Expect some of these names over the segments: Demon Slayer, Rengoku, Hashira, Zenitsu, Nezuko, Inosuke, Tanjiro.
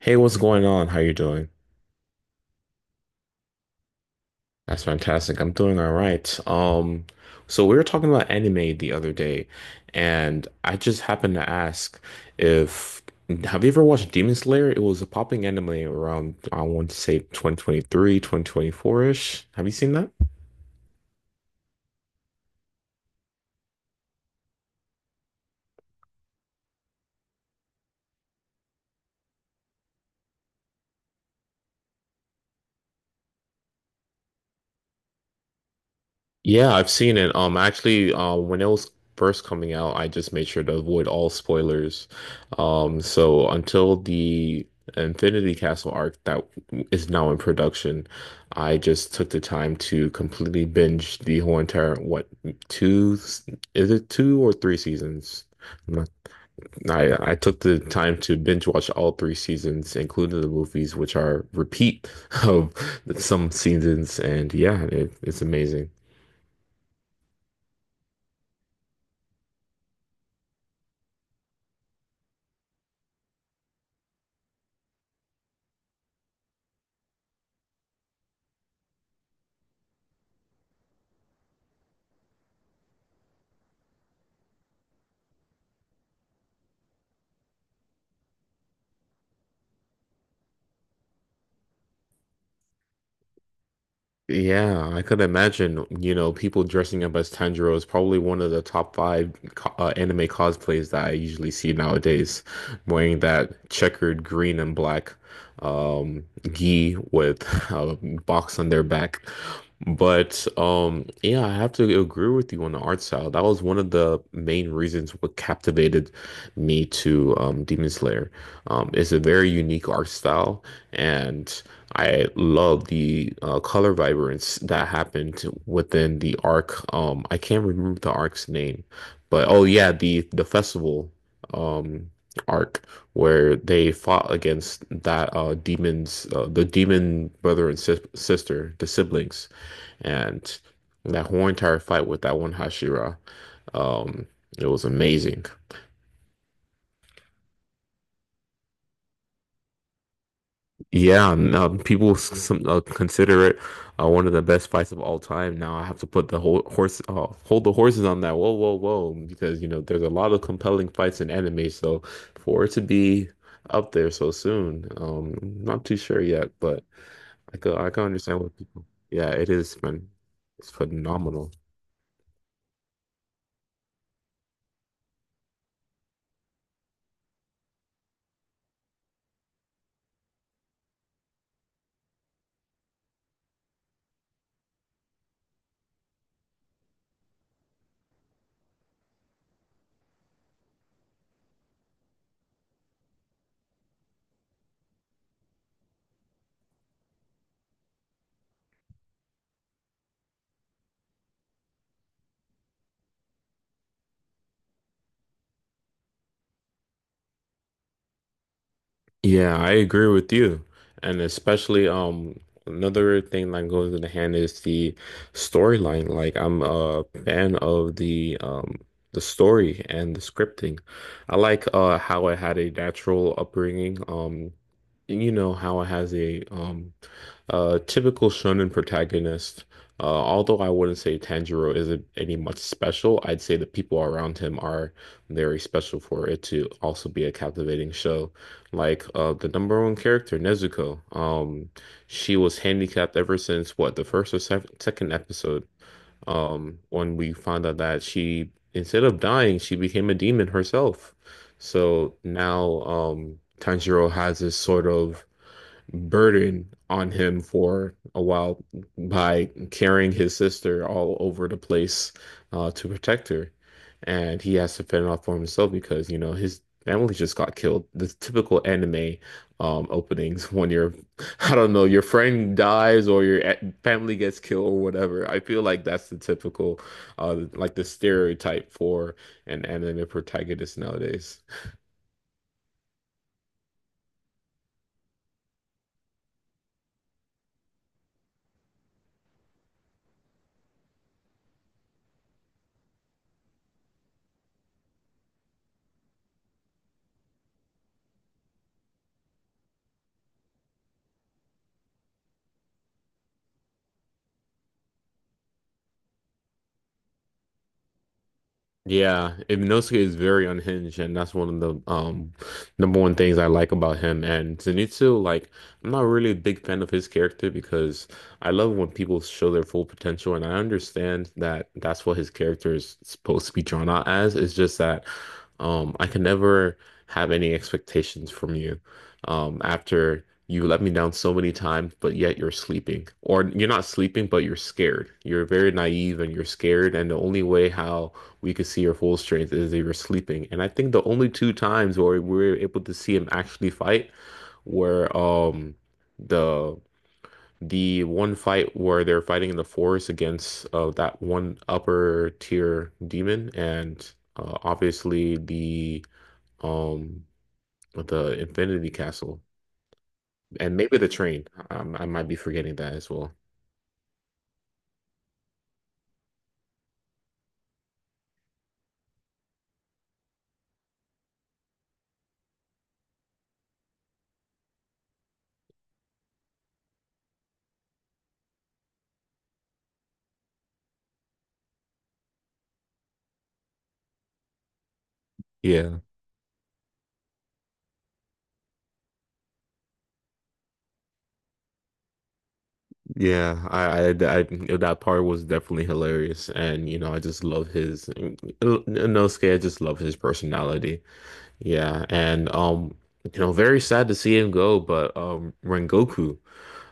Hey, what's going on? How you doing? That's fantastic. I'm doing all right. So we were talking about anime the other day, and I just happened to ask if have you ever watched Demon Slayer? It was a popping anime around, I want to say, 2023, 2024-ish. Have you seen that? Yeah, I've seen it. When it was first coming out, I just made sure to avoid all spoilers. So until the Infinity Castle arc that is now in production, I just took the time to completely binge the whole entire, what, two, is it two or three seasons? I'm not- I took the time to binge watch all three seasons, including the movies, which are repeat of some seasons, and yeah, it's amazing. Yeah, I could imagine, you know, people dressing up as Tanjiro is probably one of the top five co anime cosplays that I usually see nowadays, wearing that checkered green and black um gi with a box on their back. But yeah, I have to agree with you on the art style. That was one of the main reasons what captivated me to Demon Slayer. It's a very unique art style, and I love the color vibrance that happened within the arc. I can't remember the arc's name, but oh yeah, the festival um arc where they fought against that demons, the demon brother and sister, the siblings, and that whole entire fight with that one Hashira. Um, it was amazing. Yeah, and people some, consider it one of the best fights of all time. Now I have to put the whole horse, hold the horses on that. Whoa, whoa, whoa! Because you know there's a lot of compelling fights in anime, so for it to be up there so soon, not too sure yet, but I can understand what people. Yeah, it is, man. It's phenomenal. Yeah, I agree with you. And especially another thing that goes in the hand is the storyline. Like, I'm a fan of the story and the scripting. I like how it had a natural upbringing. You know how it has a typical shonen protagonist. Although I wouldn't say Tanjiro isn't any much special, I'd say the people around him are very special for it to also be a captivating show. Like, the number one character, Nezuko. She was handicapped ever since, what, the first or second episode. When we found out that she, instead of dying, she became a demon herself. So now, Tanjiro has this sort of burden on him for a while by carrying his sister all over the place, to protect her. And he has to fend off for himself because, you know, his family just got killed. The typical anime openings when I don't know, your friend dies or your family gets killed or whatever. I feel like that's the typical, like, the stereotype for an anime protagonist nowadays. Yeah, Inosuke is very unhinged, and that's one of the number one things I like about him. And Zenitsu, like, I'm not really a big fan of his character because I love when people show their full potential, and I understand that that's what his character is supposed to be drawn out as. It's just that I can never have any expectations from you after you let me down so many times, but yet you're sleeping, or you're not sleeping, but you're scared. You're very naive and you're scared, and the only way how we could see her full strength as they were sleeping. And I think the only two times where we were able to see him actually fight were the one fight where they're fighting in the forest against that one upper tier demon, and obviously um the Infinity Castle, and maybe the train. I might be forgetting that as well. Yeah. Yeah, I, I, that part was definitely hilarious, and you know, I just love his Inosuke. I just love his personality. Yeah, and you know, very sad to see him go, but Rengoku,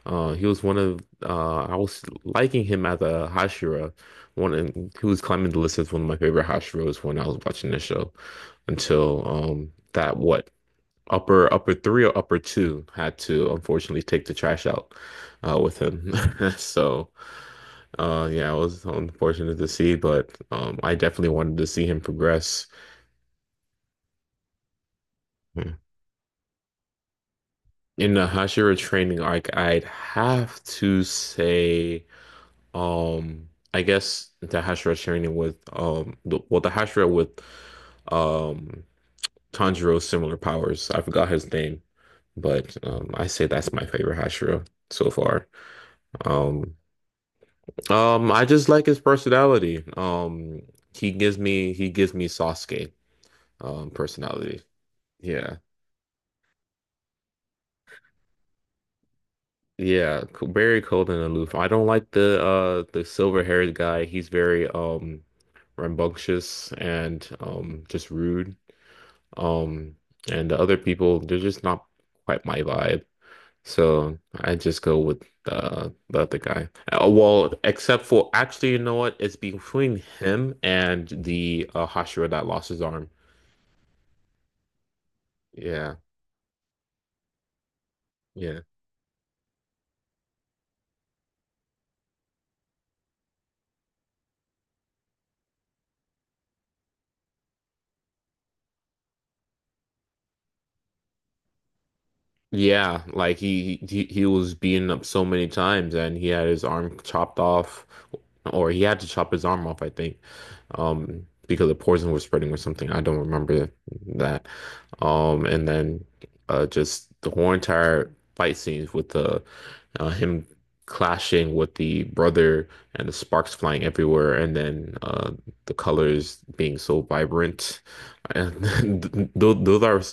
he was one of, I was liking him as a Hashira, one, and he was climbing the list as one of my favorite Hashiras when I was watching the show, until, that, what, upper three or upper two, had to unfortunately take the trash out with him. So yeah, it was unfortunate to see, but I definitely wanted to see him progress. In the Hashira training arc, I'd have to say, um, I guess the Hashira training with, the, well, the Hashira with um Tanjiro's similar powers. I forgot his name, but I say that's my favorite Hashira so far. Um, I just like his personality. He gives me Sasuke personality. Yeah. Yeah, very cold and aloof. I don't like the silver-haired guy. He's very rambunctious and just rude. Um, and the other people, they're just not quite my vibe. So I just go with, the other guy. Well, except for, actually, you know what? It's between him and the, Hashira that lost his arm. Yeah, yeah, yeah. Like, he he was beaten up so many times, and he had his arm chopped off, or he had to chop his arm off, I think, because the poison was spreading or something. I don't remember that. And then just the whole entire fight scenes with the, him clashing with the brother and the sparks flying everywhere, and then, the colors being so vibrant. And th those are.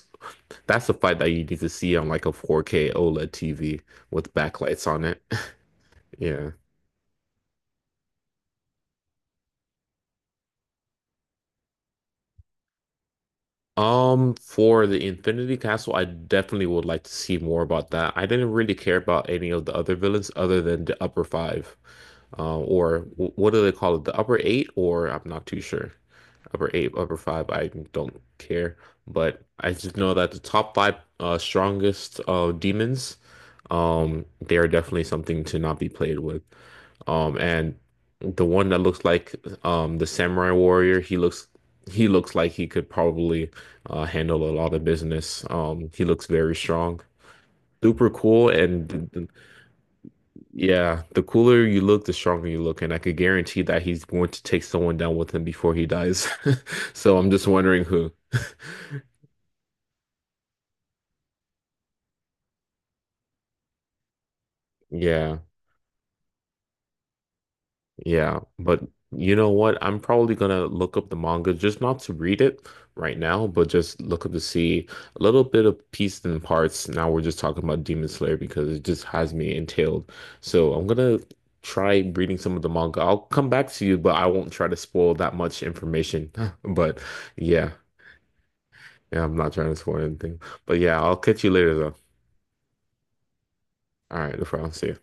That's the fight that you need to see on like a 4K OLED TV with backlights on it. Yeah. For the Infinity Castle, I definitely would like to see more about that. I didn't really care about any of the other villains other than the upper five. Or what do they call it? The upper eight, or I'm not too sure. Upper eight, upper five, I don't care. But I just know that the top five strongest demons, they are definitely something to not be played with. And the one that looks like the samurai warrior, he looks like he could probably handle a lot of business. He looks very strong. Super cool and yeah, the cooler you look, the stronger you look, and I could guarantee that he's going to take someone down with him before he dies. So I'm just wondering who. Yeah. Yeah, but you know what? I'm probably gonna look up the manga, just not to read it right now, but just look up to see a little bit of pieces and parts. Now we're just talking about Demon Slayer because it just has me entailed. So I'm gonna try reading some of the manga. I'll come back to you, but I won't try to spoil that much information. But yeah, yeah, I'm not trying to spoil anything. But yeah, I'll catch you later though. All right, no problem. See ya.